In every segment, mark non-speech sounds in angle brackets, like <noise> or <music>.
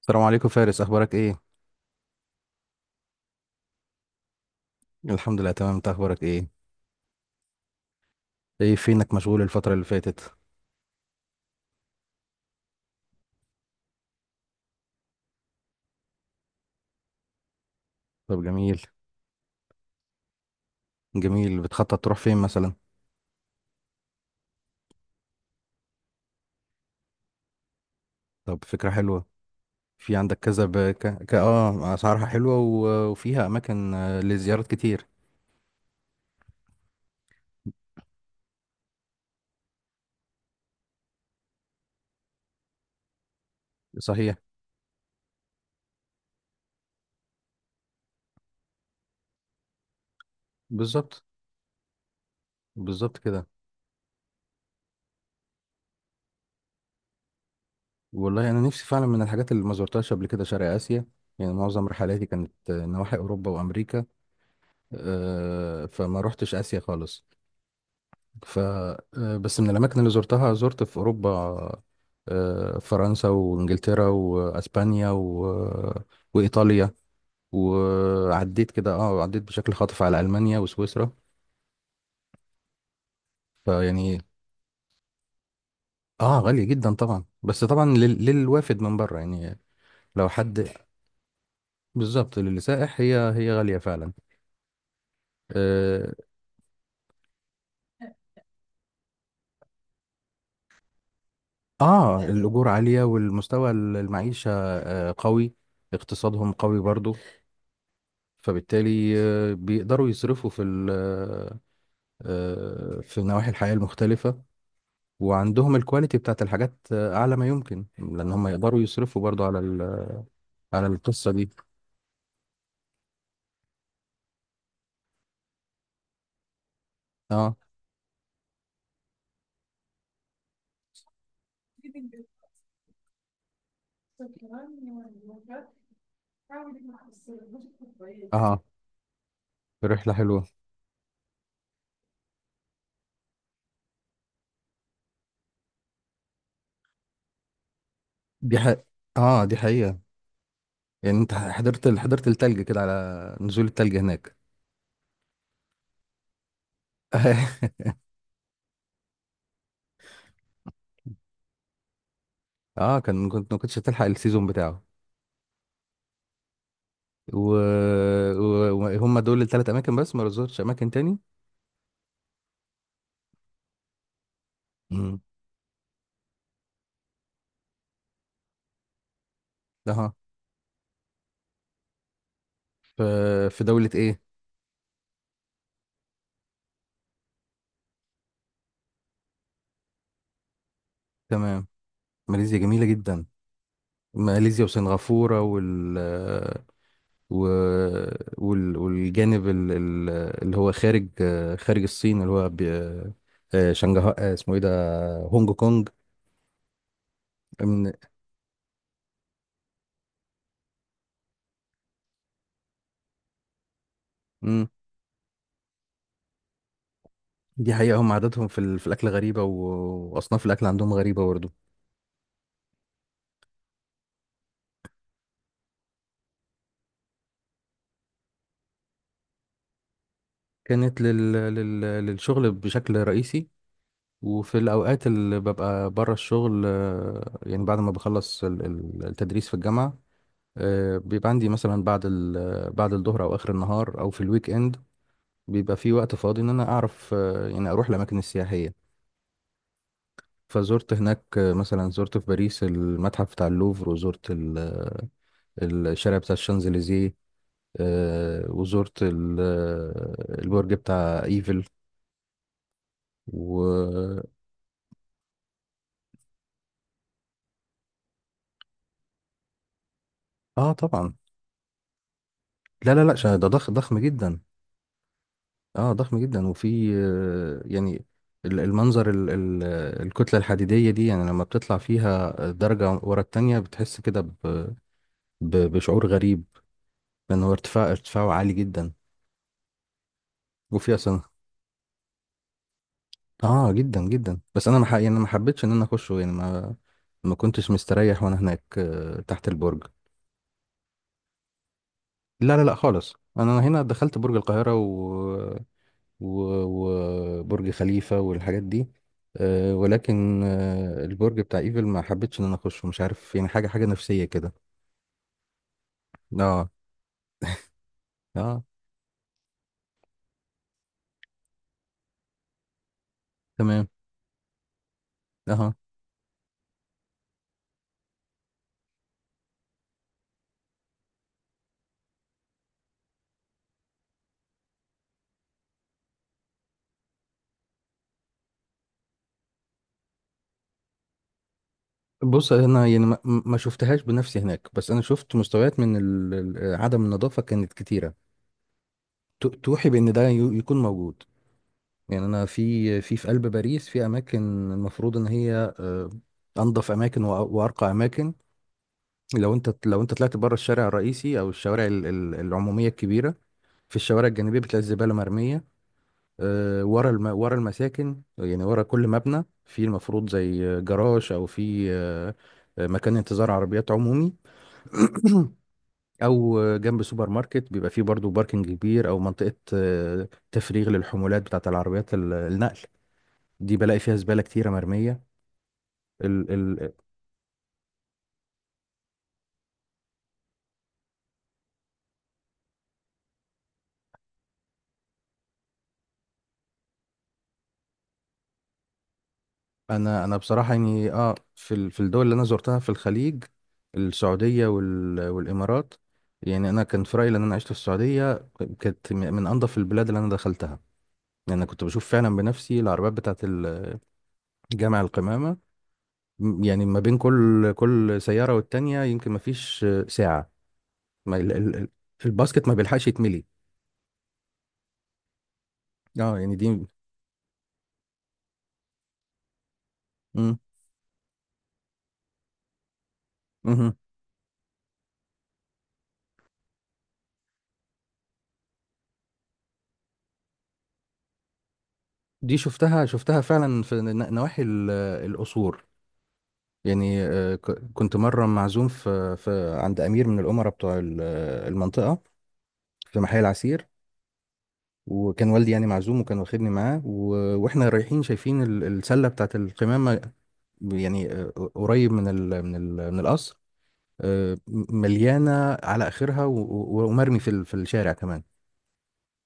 السلام عليكم فارس، اخبارك ايه؟ الحمد لله، تمام. انت اخبارك ايه؟ ايه، فينك مشغول الفترة اللي فاتت؟ طب جميل. جميل، بتخطط تروح فين مثلا؟ طب، فكرة حلوة. في عندك كذا ب... ك... ك... اه اسعارها حلوة و... وفيها اماكن لزيارات كتير. صحيح. بالظبط. بالظبط كده. والله انا نفسي فعلا من الحاجات اللي ما زرتهاش قبل كده شرق اسيا. يعني معظم رحلاتي كانت نواحي اوروبا وامريكا. فما روحتش اسيا خالص. ف آه، بس من الاماكن اللي زرتها زرت في اوروبا فرنسا وانجلترا واسبانيا و... وايطاليا. وعديت كده، عديت بشكل خاطف على المانيا وسويسرا. فيعني، اه غالية جدا طبعا. بس طبعا للوافد من بره يعني. لو حد بالظبط، للسائح هي غالية فعلا. اه الاجور عالية، والمستوى المعيشة قوي. اقتصادهم قوي برضو، فبالتالي بيقدروا يصرفوا في في نواحي الحياة المختلفة. وعندهم الكواليتي بتاعت الحاجات أعلى ما يمكن، لأن هم يقدروا يصرفوا برضو على على القصة دي. اه، اه، رحلة حلوة. دي ح... اه دي حقيقة. يعني انت حضرت التلج كده، على نزول التلج هناك. <laughs> اه، كنت ما كنتش هتلحق السيزون بتاعه. وهم دول الثلاث اماكن، بس ما رزقتش اماكن تاني. امم في في دولة ايه؟ تمام. ماليزيا جميلة جدا. ماليزيا وسنغافورة، وال و... وال... والجانب اللي هو خارج الصين اللي هو شنغهاي، اسمه ايه ده؟ هونج كونج. من... مم. دي حقيقة. هم عاداتهم في الأكل غريبة وأصناف الأكل عندهم غريبة برضه. كانت للشغل بشكل رئيسي. وفي الأوقات اللي ببقى بره الشغل، يعني بعد ما بخلص التدريس في الجامعة، بيبقى عندي مثلا بعد الظهر او اخر النهار او في الويك اند. بيبقى في وقت فاضي ان انا اعرف يعني اروح الاماكن السياحيه. فزرت هناك مثلا، زرت في باريس المتحف بتاع اللوفر، وزرت الشارع بتاع الشانزليزيه، وزرت البرج بتاع ايفل. و اه طبعا. لا، لا، لا، ده ضخم ضخم جدا. اه، ضخم جدا. وفي يعني المنظر الكتلة الحديدية دي، يعني لما بتطلع فيها درجة ورا التانية بتحس كده ب- ب- بشعور غريب. لأن هو ارتفاعه عالي جدا. وفي أصلا. اه، جدا جدا، بس أنا ما ح- يعني ما حبيتش إن أنا أخشه. يعني ما كنتش مستريح، وأنا هناك تحت البرج. لا، لا، لا، خالص. انا هنا دخلت برج القاهرة و و- وبرج خليفة والحاجات دي، ولكن البرج بتاع ايفل ما حبيتش ان انا اخشه، مش عارف يعني، حاجة حاجة نفسية كده. اه، اه، تمام، اه. بص، انا يعني ما شفتهاش بنفسي هناك، بس انا شفت مستويات من عدم النظافة كانت كتيرة. توحي بان ده يكون موجود. يعني انا في قلب باريس، في اماكن المفروض ان هي آه، انظف اماكن وأ- وارقى اماكن. لو انت طلعت بره الشارع الرئيسي، او الشوارع العموميه الكبيره، في الشوارع الجانبيه بتلاقي الزباله مرميه ورا ورا المساكن. يعني ورا كل مبنى في المفروض زي جراج، او في مكان انتظار عربيات عمومي. <clears throat> او جنب سوبر ماركت بيبقى فيه برضو باركنج كبير، او منطقه تفريغ للحمولات بتاعت العربيات النقل. دي بلاقي فيها زباله كتيره مرميه. انا بصراحه يعني، في الدول اللي انا زرتها في الخليج، السعوديه وال والامارات، يعني انا كان في رايي، لان انا عشت في السعوديه، كانت من انظف البلاد اللي انا دخلتها. يعني انا كنت بشوف فعلا بنفسي العربيات بتاعه الجامع القمامه، يعني ما بين كل سياره والتانيه يمكن ما فيش ساعه. ما الباسكت ما بيلحقش يتملي. اه، يعني دي. مم. مهم. دي شفتها فعلا في نواحي القصور. يعني كنت مرة معزوم في, في عند أمير من الأمراء بتوع المنطقة في محل العسير. وكان والدي يعني معزوم، وكان واخدني معاه، و- واحنا رايحين شايفين السلة بتاعت القمامة، يعني قريب من القصر. آه، مليانة على آخرها، و- و- ومرمي في الشارع كمان.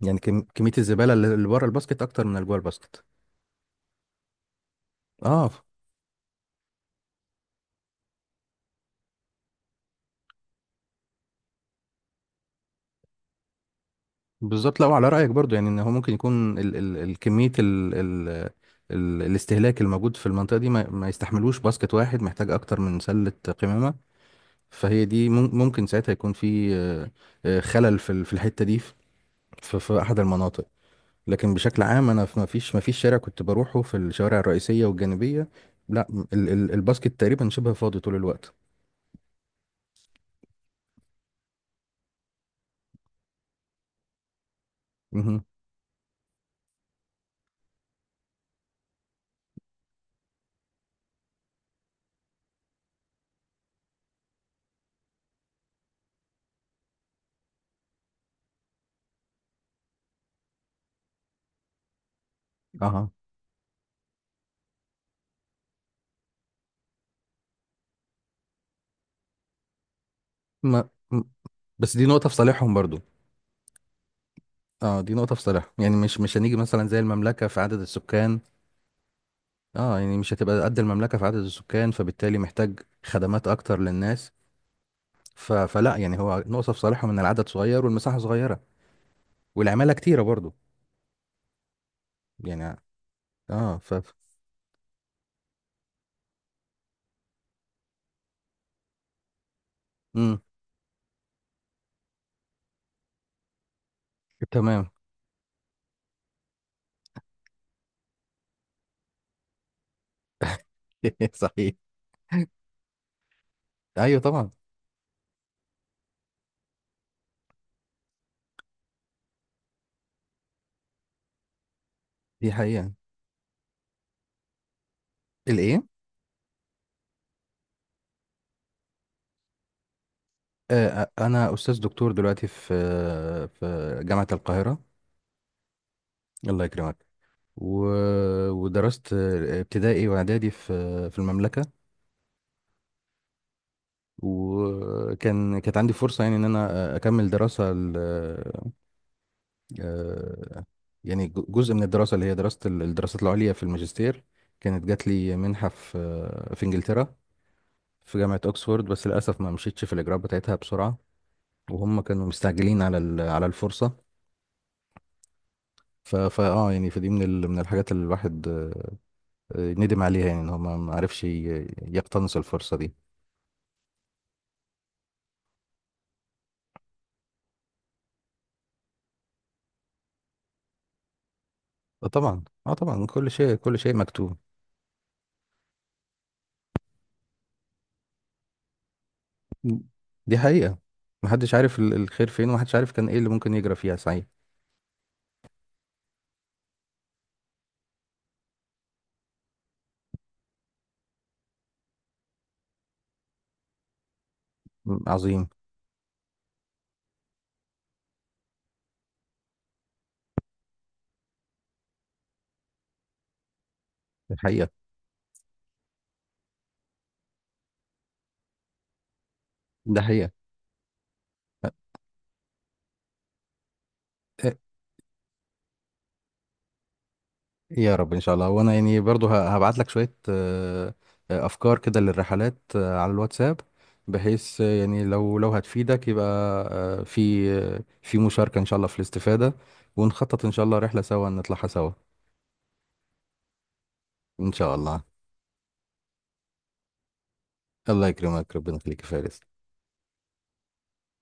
يعني كمية الزبالة اللي بره الباسكت أكتر من اللي جوه الباسكت. اه، بالظبط. لا، وعلى رأيك برضو، يعني ان هو ممكن يكون ال ال الكمية ال ال ال الاستهلاك الموجود في المنطقة دي، ما يستحملوش باسكت واحد، محتاج اكتر من سلة قمامة. فهي دي، ممكن ساعتها يكون في خلل في الحتة دي، في احد المناطق. لكن بشكل عام، انا ما فيش شارع كنت بروحه في الشوارع الرئيسية والجانبية. لا، ال ال الباسكت تقريبا شبه فاضي طول الوقت. مهم. اها. ما م- بس دي نقطة في صالحهم برضو. اه، دي نقطة في صالحهم، يعني مش هنيجي مثلا زي المملكة في عدد السكان. اه، يعني مش هتبقى قد المملكة في عدد السكان، فبالتالي محتاج خدمات أكتر للناس. فلا يعني، هو نقطة في صالحهم إن العدد صغير والمساحة صغيرة، والعمالة كتيرة برضو. يعني. اه ف امم تمام. <laughs> صحيح. أيوه طبعا. دي حقيقة. الإيه؟ أنا أستاذ دكتور دلوقتي في في جامعة القاهرة. الله يكرمك. و... ودرست ابتدائي وإعدادي في المملكة. كانت عندي فرصة، يعني ان انا اكمل دراسة آه، يعني جزء من الدراسة اللي هي دراسة الدراسات العليا في الماجستير. كانت جات لي منحة في انجلترا، في جامعة اوكسفورد. بس للاسف ما مشيتش في الاجراءات بتاعتها بسرعة، وهم كانوا مستعجلين على الفرصة. ف فا اه يعني، فدي من الحاجات اللي الواحد ندم عليها. يعني ان هو ما عرفش يقتنص الفرصة دي. طبعا. اه طبعا، كل شيء كل شيء مكتوب. دي حقيقة. محدش عارف الخير فين، ومحدش عارف كان ايه اللي ممكن يجرى فيها. صحيح. عظيم. دي حقيقة. ده حقيقة. إيه، يا رب، ان شاء الله. وانا يعني برضو هبعت لك شوية افكار كده للرحلات على الواتساب. بحيث يعني لو هتفيدك، يبقى في مشاركة ان شاء الله في الاستفادة. ونخطط ان شاء الله رحلة سوا، نطلعها سوا. ان شاء الله. الله يكرمك. ربنا يخليك يا فارس.